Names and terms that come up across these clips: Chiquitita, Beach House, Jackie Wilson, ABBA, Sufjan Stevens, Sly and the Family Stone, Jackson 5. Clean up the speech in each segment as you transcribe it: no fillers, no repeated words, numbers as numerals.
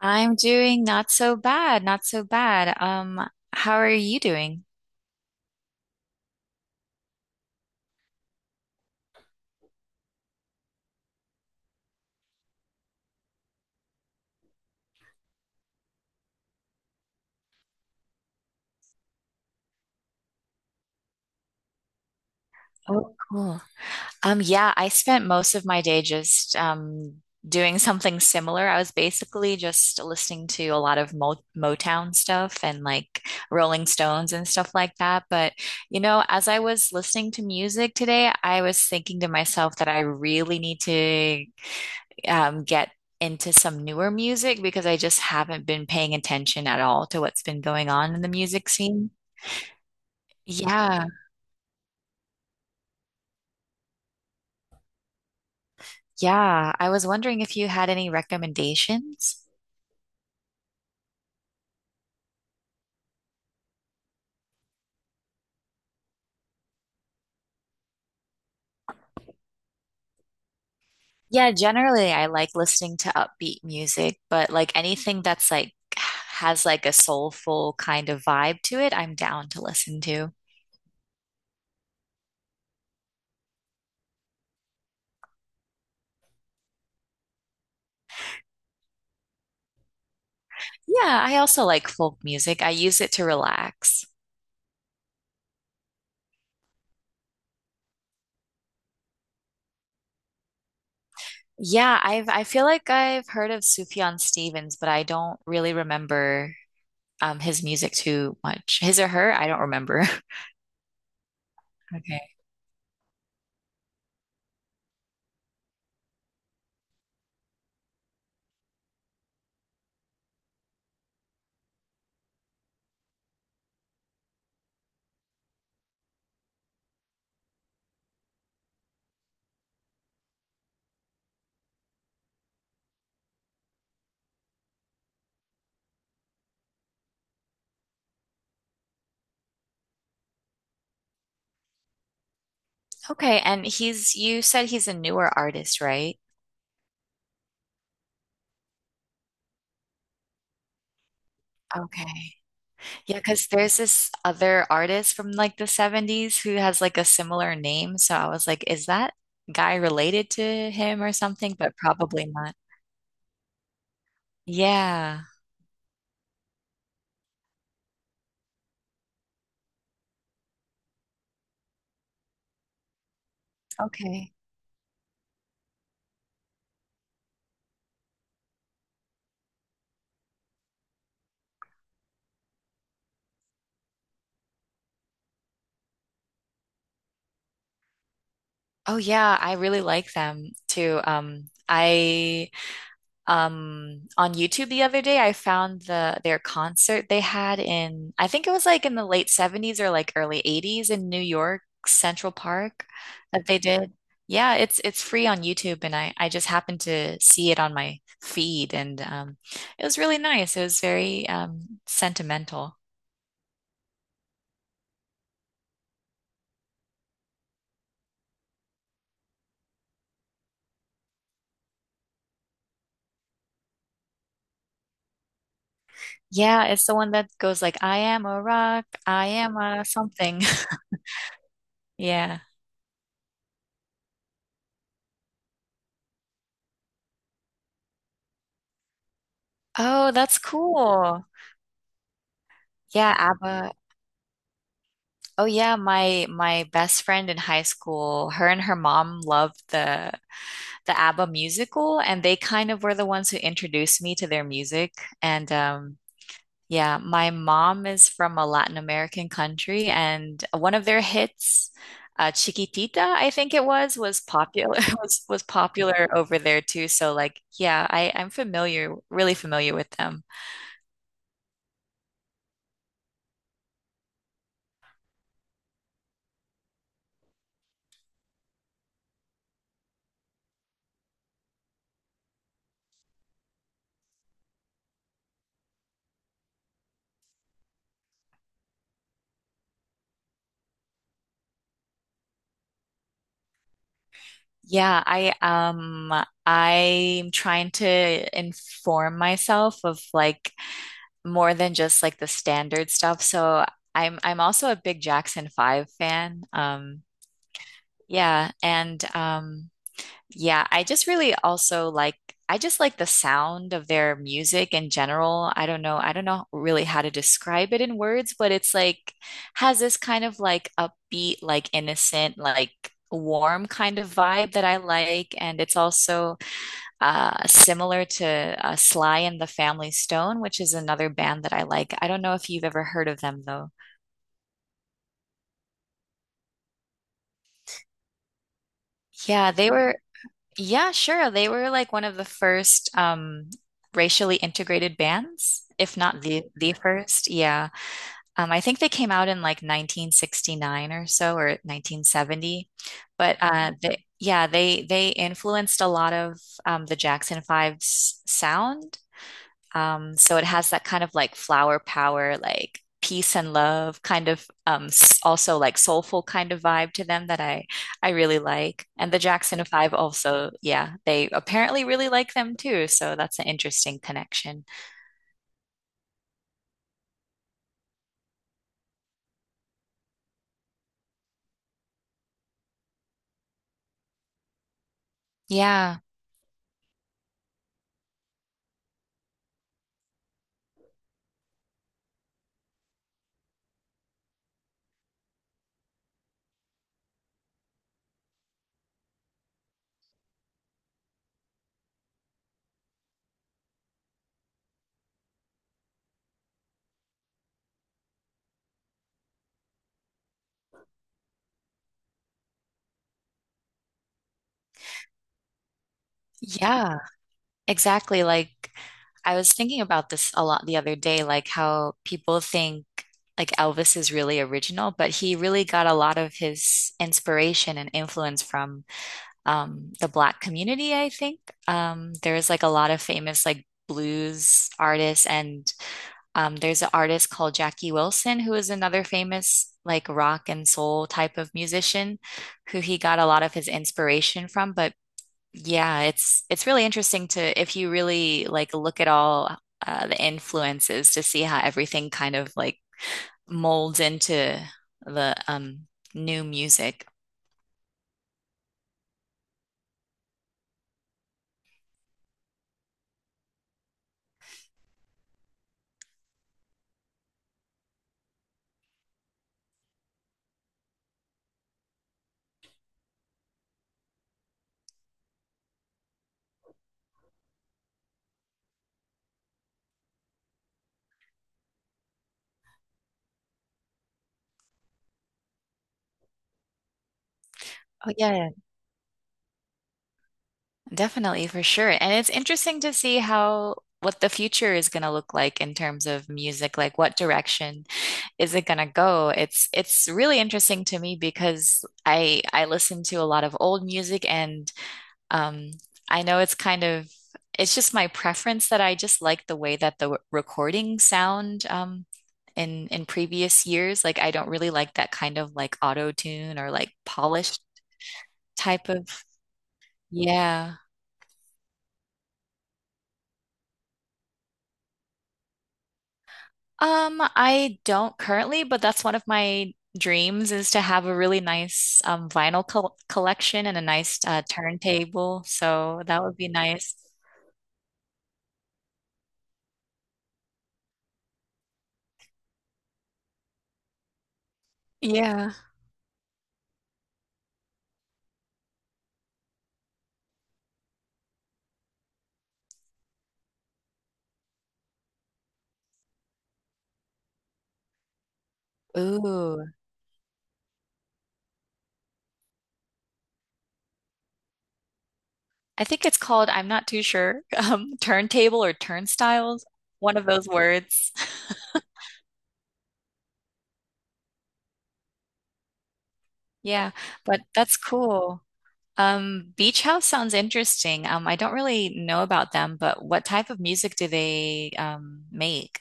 I'm doing not so bad, not so bad. How are you doing? Oh, cool. Yeah, I spent most of my day just doing something similar. I was basically just listening to a lot of Mo Motown stuff and like Rolling Stones and stuff like that. But you know, as I was listening to music today, I was thinking to myself that I really need to get into some newer music because I just haven't been paying attention at all to what's been going on in the music scene. Yeah, yeah. I was wondering if you had any recommendations. Yeah, generally I like listening to upbeat music, but like anything that's like has like a soulful kind of vibe to it, I'm down to listen to. Yeah, I also like folk music. I use it to relax. I feel like I've heard of Sufjan Stevens, but I don't really remember his music too much. His or her? I don't remember. Okay. Okay. And you said he's a newer artist, right? Okay. Yeah, because there's this other artist from like the 70s who has like a similar name. So I was like, is that guy related to him or something? But probably not. Yeah. Okay. Oh yeah, I really like them too. I Um, on YouTube the other day. I found their concert they had in I think it was like in the late 70s or like early 80s in New York Central Park that they did. Yeah, it's free on YouTube, and I just happened to see it on my feed, and it was really nice. It was very sentimental. Yeah, it's the one that goes like I am a rock, I am a something. Yeah. Oh, that's cool. Yeah, ABBA. Oh yeah, my best friend in high school, her and her mom loved the ABBA musical, and they kind of were the ones who introduced me to their music. And yeah, my mom is from a Latin American country, and one of their hits, Chiquitita, I think it was popular was popular over there too. So like, yeah, I'm familiar, really familiar with them. Yeah, I'm trying to inform myself of like more than just like the standard stuff. So I'm also a big Jackson 5 fan. Yeah, and yeah, I just really also like I just like the sound of their music in general. I don't know really how to describe it in words, but it's like has this kind of like upbeat, like innocent, like warm kind of vibe that I like. And it's also similar to Sly and the Family Stone, which is another band that I like. I don't know if you've ever heard of them though. Yeah, they were Yeah, sure. They were like one of the first racially integrated bands, if not the first. Yeah. I think they came out in like 1969 or so or 1970. But yeah, they influenced a lot of the Jackson Five's sound, so it has that kind of like flower power, like peace and love kind of also like soulful kind of vibe to them that I really like. And the Jackson 5 also, yeah, they apparently really like them too, so that's an interesting connection. Yeah. Yeah, exactly. Like I was thinking about this a lot the other day, like how people think like Elvis is really original, but he really got a lot of his inspiration and influence from the Black community, I think. There's like a lot of famous like blues artists, and there's an artist called Jackie Wilson, who is another famous like rock and soul type of musician, who he got a lot of his inspiration from. But yeah, it's really interesting to if you really like look at all the influences to see how everything kind of like molds into the new music. Oh, yeah. Definitely, for sure. And it's interesting to see how what the future is going to look like in terms of music, like what direction is it going to go? It's really interesting to me because I listen to a lot of old music, and um I know it's kind of it's just my preference that I just like the way that recording sound in previous years. Like I don't really like that kind of like auto tune or like polished type of yeah. I don't currently, but that's one of my dreams is to have a really nice vinyl collection and a nice turntable. So that would be nice. Yeah. Ooh. I think it's called, I'm not too sure, turntable or turnstiles, one of those words. Yeah, but that's cool. Beach House sounds interesting. I don't really know about them, but what type of music do they make?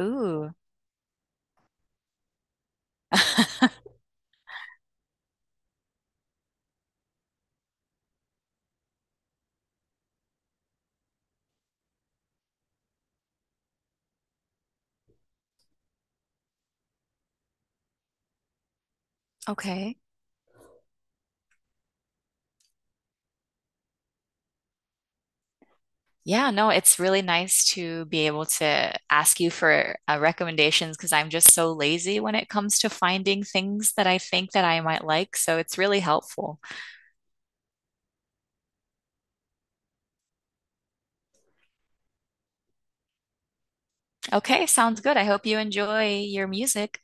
Ooh. Okay. Yeah, no, it's really nice to be able to ask you for recommendations because I'm just so lazy when it comes to finding things that I think that I might like. So it's really helpful. Okay, sounds good. I hope you enjoy your music.